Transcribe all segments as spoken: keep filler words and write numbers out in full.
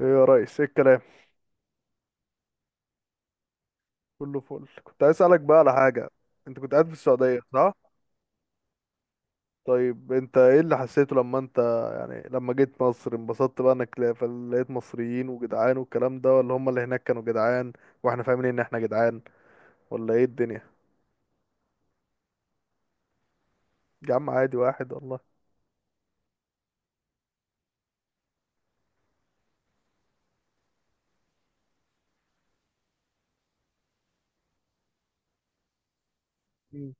ايه يا ريس، ايه الكلام؟ كله فل. كنت عايز اسالك بقى على حاجه. انت كنت قاعد في السعوديه، صح؟ طيب، انت ايه اللي حسيته لما انت يعني لما جيت مصر؟ انبسطت بقى انك لا- فل- لقيت مصريين وجدعان والكلام ده، ولا هم اللي هناك كانوا جدعان واحنا فاهمين ان احنا جدعان؟ ولا ايه الدنيا؟ يا عم، عادي واحد والله. مم.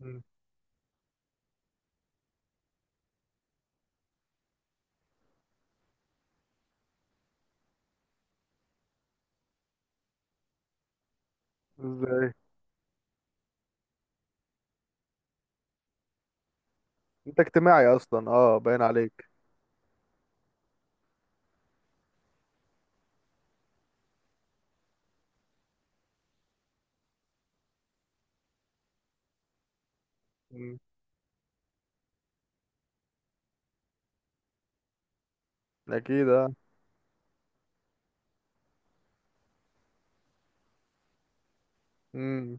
مم. ازاي؟ انت اجتماعي اصلا، اه، باين عليك. مم. اكيد اه. امم.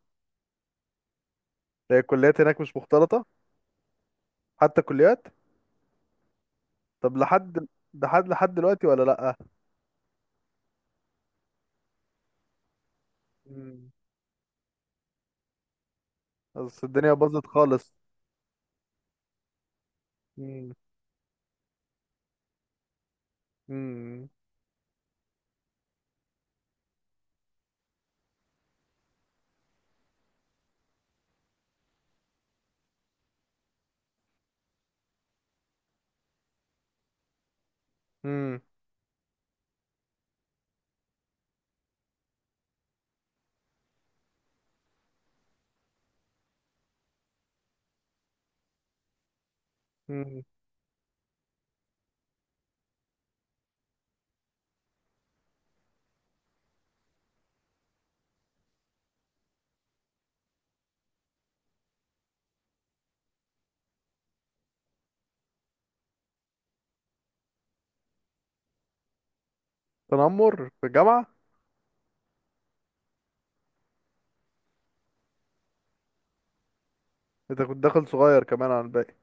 هي الكليات هناك مش مختلطه؟ حتى كليات؟ طب لحد لحد لحد دلوقتي ولا؟ لا، بس الدنيا باظت خالص. مم. مم. مم. مم. تنمر في الجامعة؟ انت كنت داخل صغير كمان عن الباقي.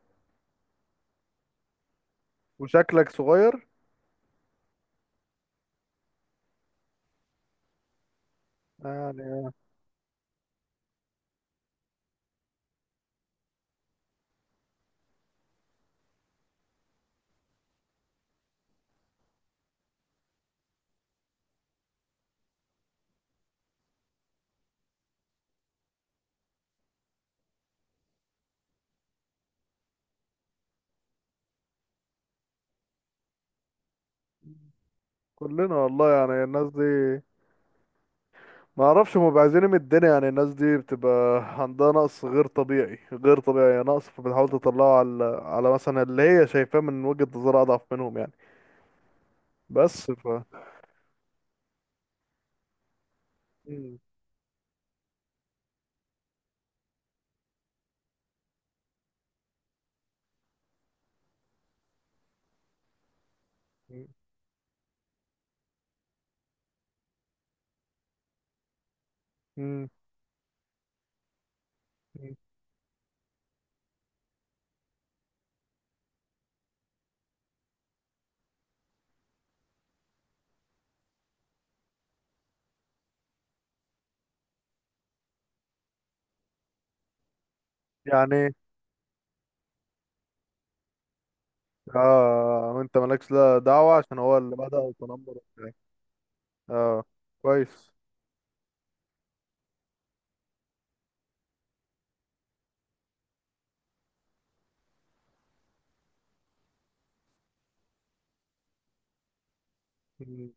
وشكلك صغير يعني. كلنا والله، يعني الناس دي ما اعرفش هم بيعزيني من الدنيا. يعني الناس دي بتبقى عندها نقص غير طبيعي، غير طبيعي نقص، فبتحاول تطلعه على على مثلا اللي هي شايفاه من وجهة نظرها اضعف منهم يعني. بس ف مم. مم. مم. يعني اه. وانت مالكش لا دعوة عشان هو اللي بدأ التنمر. اه، كويس. مم.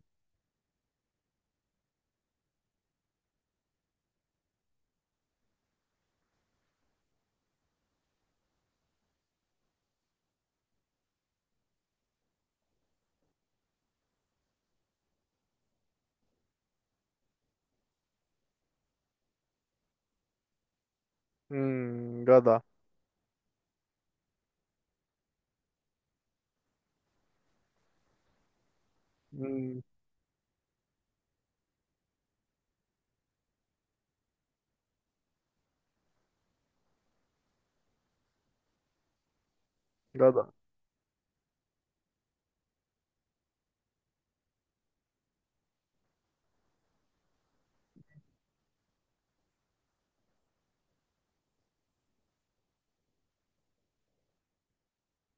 مم. جدع. مم. جدع.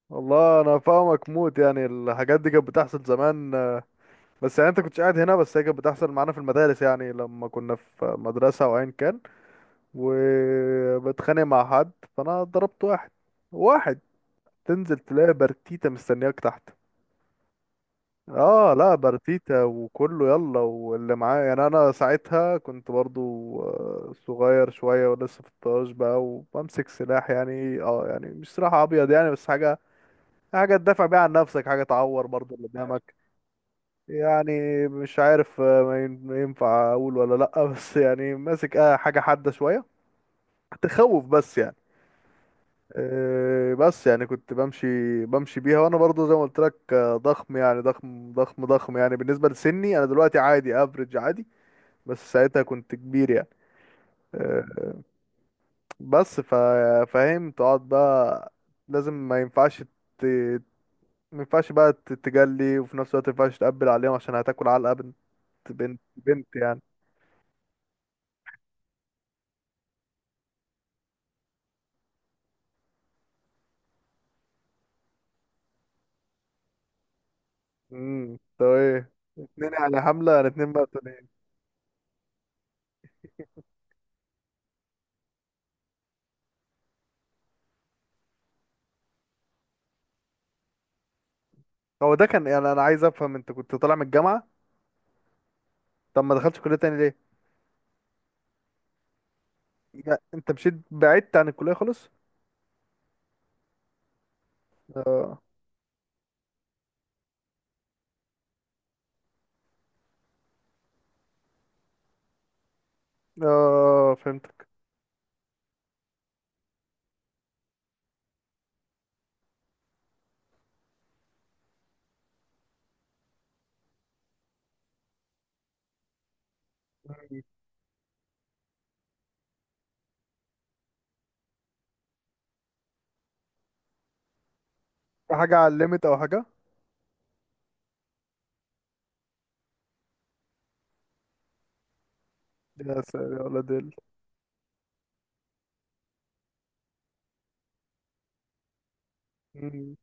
والله انا فاهمك موت، يعني الحاجات دي كانت بتحصل زمان. آه، بس يعني انت كنتش قاعد هنا، بس هي كانت بتحصل معانا في المدارس، يعني لما كنا في مدرسة او ايا كان وبتخانق مع حد، فانا ضربت واحد. واحد تنزل تلاقي برتيتة مستنياك تحت. اه لا، بارتيتا وكله يلا واللي معاه، يعني انا ساعتها كنت برضو آه، صغير شوية، ولسه في الطاج بقى، وبمسك سلاح، يعني اه يعني مش سلاح ابيض يعني، بس حاجة، حاجة تدافع بيها عن نفسك، حاجة تعور برضو اللي قدامك يعني. مش عارف آه، ما ين- ما ينفع اقول ولا لا. بس يعني ماسك آه حاجة حادة شوية، تخوف بس يعني. إيه، بس يعني كنت بمشي بمشي بيها وانا برضه زي ما قلت لك، آه، ضخم يعني، ضخم ضخم ضخم، يعني بالنسبه لسني انا دلوقتي عادي افريج عادي، بس ساعتها كنت كبير يعني. آه، بس فا- فاهم تقعد بقى، لازم ما ينفعش ت... ما ينفعش بقى تتجلي، وفي نفس الوقت ما ينفعش تقبل عليهم عشان هتاكل علقة بنت. بنت بنت يعني. امم طب ايه، اتنين يعني حملة يعني، اتنين بقى اتنين. هو ده كان يعني، انا عايز افهم، انت كنت طالع من الجامعة؟ طب ما دخلتش كلية تاني ليه؟ لا، انت مشيت بعدت عن الكلية خالص. اه اه، فهمتك. مم. في حاجة على الليميت او حاجة؟ يا ساتر، يا ولد ال مم.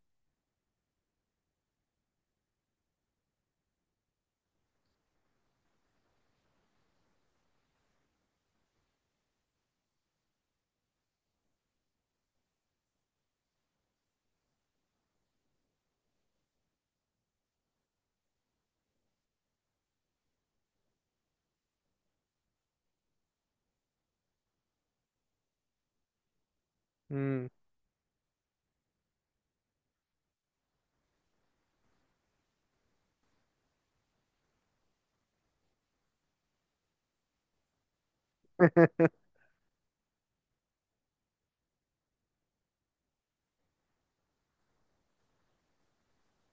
مم.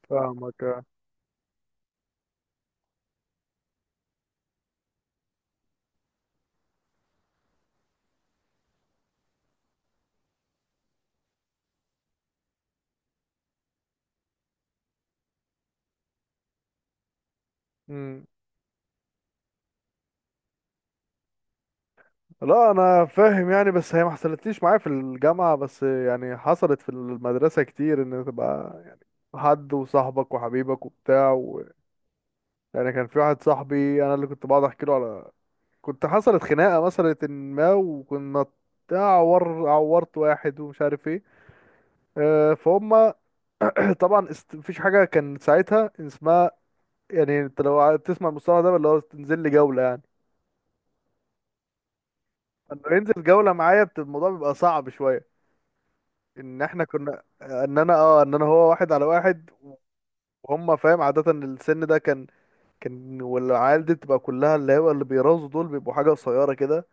فاهمك اه. مم. لا انا فاهم يعني، بس هي ما حصلتليش معايا في الجامعة، بس يعني حصلت في المدرسة كتير، ان تبقى حد وصاحبك وحبيبك وبتاع و... يعني. كان في واحد صاحبي انا اللي كنت بقعد احكي له على، كنت حصلت خناقة مثلا ما، وكنا عور عورت واحد ومش عارف ايه. آه، فهم. طبعا است... مفيش حاجه كان ساعتها اسمها، يعني انت لو تسمع المصطلح ده اللي هو تنزل لي جوله يعني. انه ينزل جوله معايا، بت- الموضوع بيبقى صعب شويه، ان احنا كنا ان انا اه ان انا هو واحد على واحد، وهم فاهم عاده، إن السن ده كان كان، والعيال دي بتبقى كلها اللي هو اللي بيرازوا دول بيبقوا حاجه قصيره كده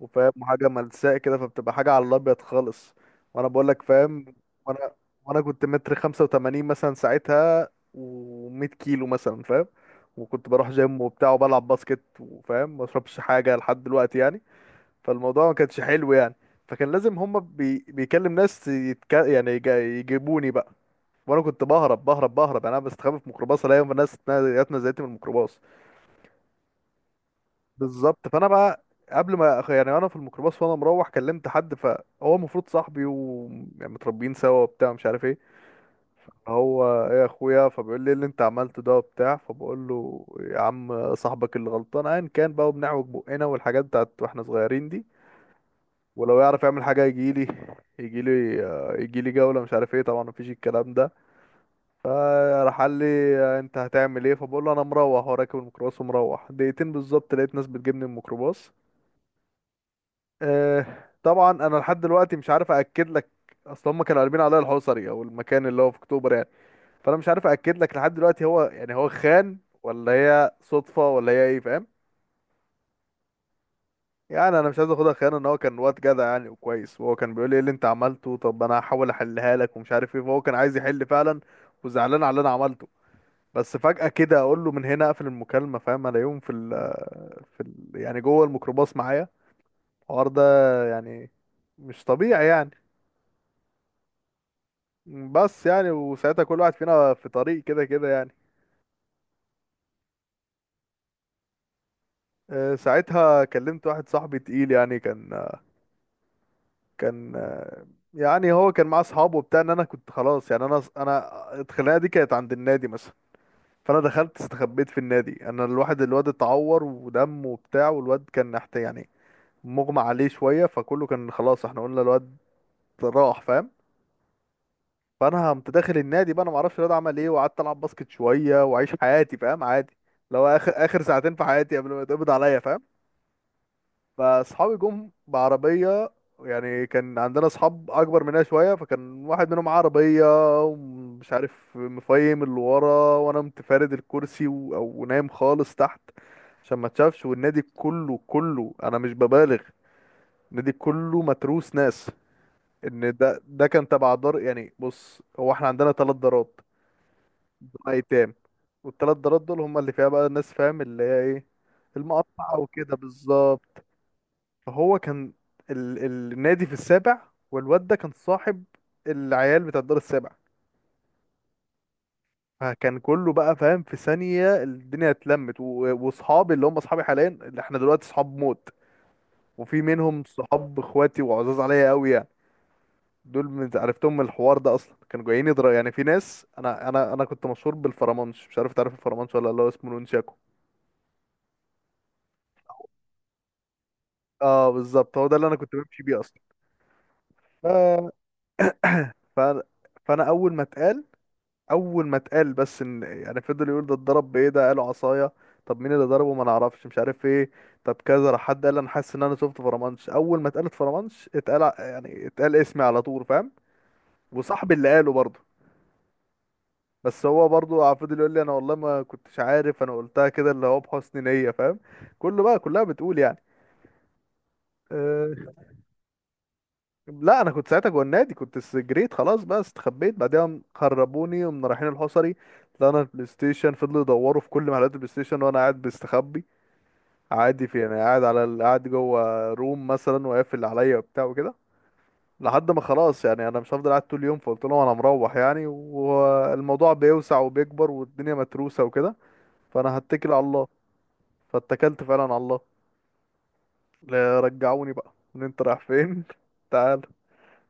وفاهم، وحاجه ملساء كده، فبتبقى حاجه على الابيض خالص. وانا بقول لك فاهم. وانا وانا كنت متر خمسة وتمانين مثلا ساعتها، و100 كيلو مثلا فاهم، وكنت بروح جيم وبتاع وبلعب باسكت وفاهم، ما اشربش حاجه لحد دلوقتي يعني. فالموضوع ما كانش حلو يعني. فكان لازم هما بي... بيكلم ناس يتك... يعني يج- يجيبوني بقى، وانا كنت بهرب بهرب بهرب يعني. انا بستخبى في ميكروباص، الاقي ناس ناس جات نزلتني من الميكروباص. بالظبط، فانا بقى قبل ما أخ- يعني انا في الميكروباص وانا مروح كلمت حد، فهو المفروض صاحبي ومتربيين سوا وبتاع مش عارف ايه، هو ايه يا اخويا، فبيقول لي إيه اللي انت عملته ده وبتاع. فبقول له يا عم صاحبك اللي غلطان، ايا كان بقى وبنعوج بقنا والحاجات بتاعت واحنا صغيرين دي، ولو يعرف يعمل حاجه يجي لي، يجي لي، يجي لي جوله، مش عارف ايه. طبعا مفيش الكلام ده. فراح قال لي، انت هتعمل ايه؟ فبقول له انا مروح وراكب الميكروباص ومروح، دقيقتين بالظبط لقيت ناس بتجيبني من الميكروباص. آه، طبعا انا لحد دلوقتي مش عارف اكد لك، اصل هم كانوا قلبين عليا الحصري او المكان اللي هو في اكتوبر يعني، فانا مش عارف اكد لك لحد دلوقتي هو يعني هو خان ولا هي صدفه ولا هي ايه، فاهم. يعني انا مش عايز اخدها خيانه، ان هو كان واد جدع يعني وكويس، وهو كان بيقول لي ايه اللي انت عملته، طب انا هحاول احلها لك ومش عارف ايه، فهو كان عايز يحل فعلا وزعلان على اللي انا عملته. بس فجاه كده اقول له من هنا اقفل المكالمه، فاهم الاقيهم في ال في ال يعني جوه الميكروباص معايا، الحوار ده يعني مش طبيعي يعني. بس يعني وساعتها كل واحد فينا في طريق كده كده يعني. آه، ساعتها كلمت واحد صاحبي تقيل يعني، كان كان آه، يعني هو كان معاه اصحابه وبتاع، ان انا كنت خلاص يعني، انا انا الخناقه دي كانت عند النادي مثلا. فانا دخلت استخبيت في النادي، انا الواحد الواد اتعور ودم وبتاع، والواد كان نحت يعني، مغمى عليه شويه، فكله كان خلاص احنا قلنا الواد راح فاهم. فانا قمت داخل النادي بقى، انا ما اعرفش الواد عمل ايه، وقعدت العب باسكت شويه واعيش حياتي فاهم عادي، لو اخر اخر ساعتين في حياتي قبل ما يتقبض عليا فاهم. فاصحابي جم بعربيه، يعني كان عندنا اصحاب اكبر مننا شويه، فكان واحد منهم معاه عربيه، ومش عارف مفيم اللي ورا، وانا متفارد الكرسي و... او نايم خالص تحت عشان ما تشافش، والنادي كله، كله انا مش ببالغ، النادي كله متروس ناس، ان ده ده كان تبع دار يعني. بص هو احنا عندنا ثلاث دارات، دول ايتام، والثلاث دارات دول هم اللي فيها بقى الناس فاهم، اللي هي ايه المقطعة وكده بالظبط. فهو كان ال... ال- النادي في السابع، والواد ده كان صاحب العيال بتاع الدار السابع، فكان كله بقى فاهم، في ثانية الدنيا اتلمت، و- واصحابي اللي هم اصحابي حاليا، اللي احنا دلوقتي صحاب موت، وفي منهم صحاب اخواتي وعزاز عليا قوي يعني، دول من عرفتهم من الحوار ده اصلا كانوا جايين يضرب يعني. في ناس، انا انا انا كنت مشهور بالفرمانش، مش عارف تعرف الفرمانش ولا لا، اللي هو اسمه نونشاكو. اه بالظبط، هو ده اللي انا كنت بمشي بيه اصلا. ف... ف... فانا اول ما اتقال، اول ما اتقال بس، ان يعني فضل يقول ده اتضرب بايه، ده قالوا عصايه، طب مين اللي ضربه؟ ما نعرفش، مش عارف ايه، طب كذا، راح حد قال انا حاسس ان انا شفت فرمانش، اول ما اتقالت فرمانش اتقال ع- يعني اتقال اسمي على طول فاهم، وصاحبي اللي قاله برضه، بس هو برضه فضل يقول لي انا والله ما كنتش عارف، انا قلتها كده اللي هو بحسن نيه فاهم، كله بقى كلها بتقول يعني. آه، لا انا كنت ساعتها جوه النادي، كنت س- جريت خلاص بقى استخبيت بعدها، خربوني ومن رايحين الحصري طلعنا البلاي ستيشن، فضلوا يدوروا في كل محلات البلاي ستيشن وانا قاعد بستخبي، عادي في يعني، قاعد على ال- قاعد جوه روم مثلا وقافل عليا وبتاع وكده، لحد ما خلاص يعني انا مش هفضل قاعد طول اليوم، فقلت لهم انا مروح يعني، والموضوع بيوسع وبيكبر والدنيا متروسه وكده، فانا هتكل على الله، فاتكلت فعلا على الله. لا، رجعوني بقى ان انت رايح فين، تعال.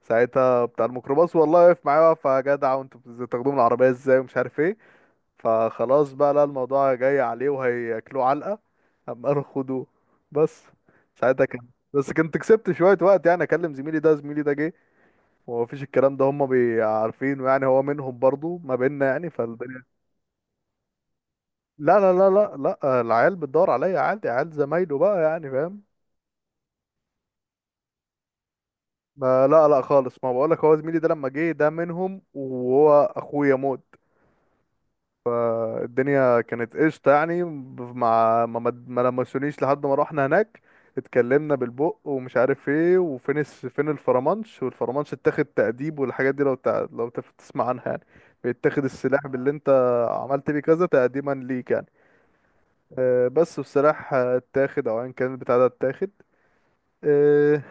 ساعتها بتاع الميكروباص والله واقف معايا، واقف يا جدع وانتوا بتاخدوه من العربية ازاي ومش عارف ايه. فخلاص بقى، لا الموضوع جاي عليه وهياكلوه علقة، قام قالوا خدوه بس. ساعتها كان، بس كنت كسبت شوية وقت، يعني اكلم زميلي ده، زميلي ده جه، ومفيش الكلام ده هما بي- عارفينه يعني، هو منهم برضو، ما بيننا يعني فالدنيا. لا لا لا لا، لا العيال بتدور عليا عادي، عيال زمايله بقى يعني فاهم. ما لا لا خالص، ما بقولك هو زميلي ده لما جه ده منهم وهو اخويا موت، فالدنيا كانت قشطة يعني، مع ما, ما ما لمسونيش لحد ما روحنا هناك، اتكلمنا بالبق ومش عارف ايه وفين الس- فين الفرمانش، والفرمانش اتاخد تأديب، والحاجات دي لو تع... لو تف- تسمع عنها يعني، بيتاخد السلاح باللي انت عملت بيه كذا تقديما ليك يعني. آه، بس، والسلاح آه، اتاخد او ايا كان البتاع ده اتاخد. آه،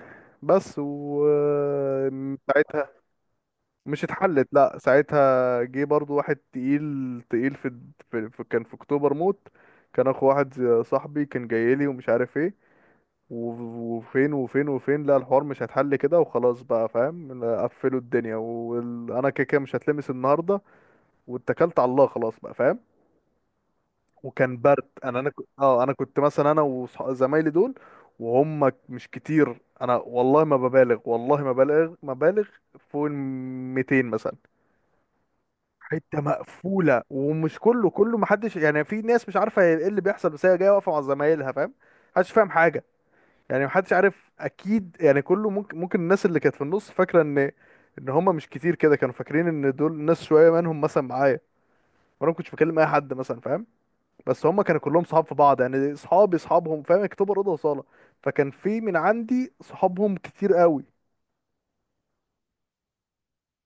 بس و آه، مش اتحلت، لا ساعتها جه برضو واحد تقيل تقيل في, في, في كان في اكتوبر موت، كان اخو واحد زي- صاحبي كان جاي لي ومش عارف ايه، و- وفين وفين وفين، لا الحوار مش هيتحل كده وخلاص بقى فاهم، قفلوا الدنيا، وانا كده كده مش هتلمس النهارده، واتكلت على الله خلاص بقى فاهم. وكان برد، انا انا ك- اه انا كنت مثلا انا وزمايلي دول، وهم مش كتير، انا والله ما ببالغ، والله ما ببالغ ما بالغ، فوق ال مئتين مثلا، حته مقفوله ومش كله، كله محدش يعني، في ناس مش عارفه هي ايه اللي بيحصل، بس هي جايه واقفه مع زمايلها فاهم. محدش فاهم حاجه يعني، محدش عارف اكيد يعني، كله ممكن، ممكن الناس اللي كانت في النص فاكره ان ان هم مش كتير كده، كانوا فاكرين ان دول ناس شويه منهم مثلا معايا، وانا ما كنتش بكلم اي حد مثلا فاهم، بس هم كانوا كلهم صحاب في بعض يعني، اصحابي اصحابهم فاهم، اكتوبر اوضه وصاله، فكان في من عندي صحابهم كتير قوي،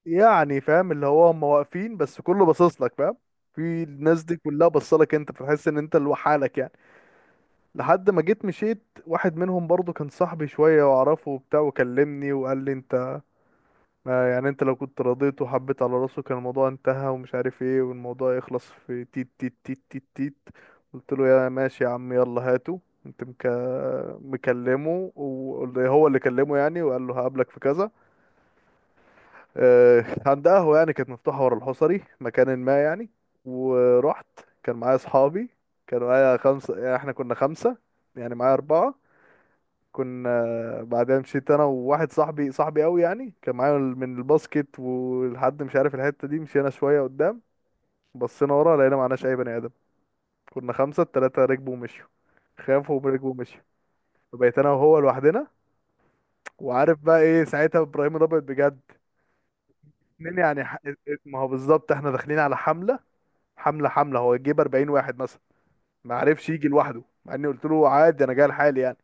يعني فاهم اللي هو هم واقفين بس كله باصص لك فاهم، في الناس دي كلها بصلك انت، فتحس ان انت لوحدك يعني، لحد ما جيت مشيت. واحد منهم برضو كان صاحبي شوية واعرفه وبتاع، وكلمني وقال لي انت، ما يعني انت لو كنت رضيت وحبيت على راسه كان الموضوع انتهى ومش عارف ايه، والموضوع يخلص في تيت تيت تيت تيت تيت. قلت له يا ماشي يا عم يلا هاته. انت مك... مكلمه وهو اللي كلمه يعني، وقال له هقابلك في كذا، آه، عند قهوة يعني كانت مفتوحة ورا الحصري مكان ما يعني، ورحت. كان معايا أصحابي، كانوا معايا خمسة، يعني احنا كنا خمسة، يعني معايا أربعة، كنا بعدين مشيت أنا وواحد صاحبي، صاحبي أوي يعني، كان معايا من الباسكت، ولحد مش عارف الحتة دي مشينا شوية قدام، بصينا ورا لقينا معناش أي بني آدم، كنا خمسة، التلاتة ركبوا ومشيوا، خافوا وركبوا ومشيوا، فبقيت أنا وهو لوحدنا، وعارف بقى إيه ساعتها، إبراهيم الأبيض بجد. اتنين يعني ح- ما هو بالظبط احنا داخلين على حملة، حمله حمله هو يجيب أربعين واحد مثلا، ما عرفش يجي لوحده، مع اني قلت له عادي انا جاي لحالي يعني،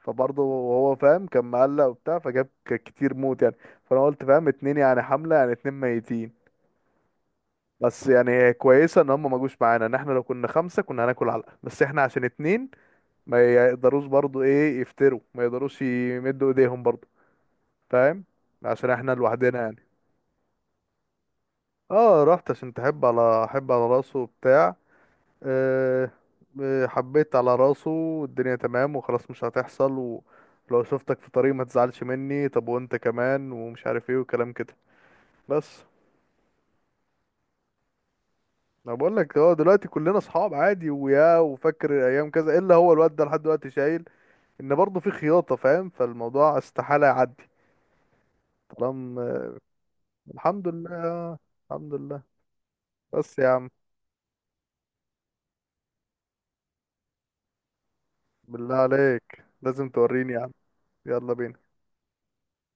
فبرضه هو فاهم كان مقلق وبتاع، فجاب ك- كتير موت يعني. فانا قلت فاهم اتنين يعني حمله يعني اتنين ميتين، بس يعني هي كويسه ان هم ما جوش معانا، ان احنا لو كنا خمسه كنا هناكل علقه، بس احنا عشان اتنين ما يقدروش برضه ايه يفتروا، ما يقدروش يمدوا ايديهم برضه فاهم، عشان احنا لوحدنا يعني. اه رحت عشان تحب على احب على راسه وبتاع. أه. آه، حبيت على راسه والدنيا تمام وخلاص، مش هتحصل، ولو شفتك في طريق ما تزعلش مني، طب وانت كمان ومش عارف ايه وكلام كده بس. انا بقول لك اه دلوقتي كلنا اصحاب عادي، ويا وفاكر ايام كذا، الا هو الواد ده لحد دلوقتي شايل، ان برضه في خياطة فاهم، فالموضوع استحالة يعدي طالما. الحمد لله. الحمد لله، بس يا عم، بالله عليك لازم توريني يا عم. يلا بينا.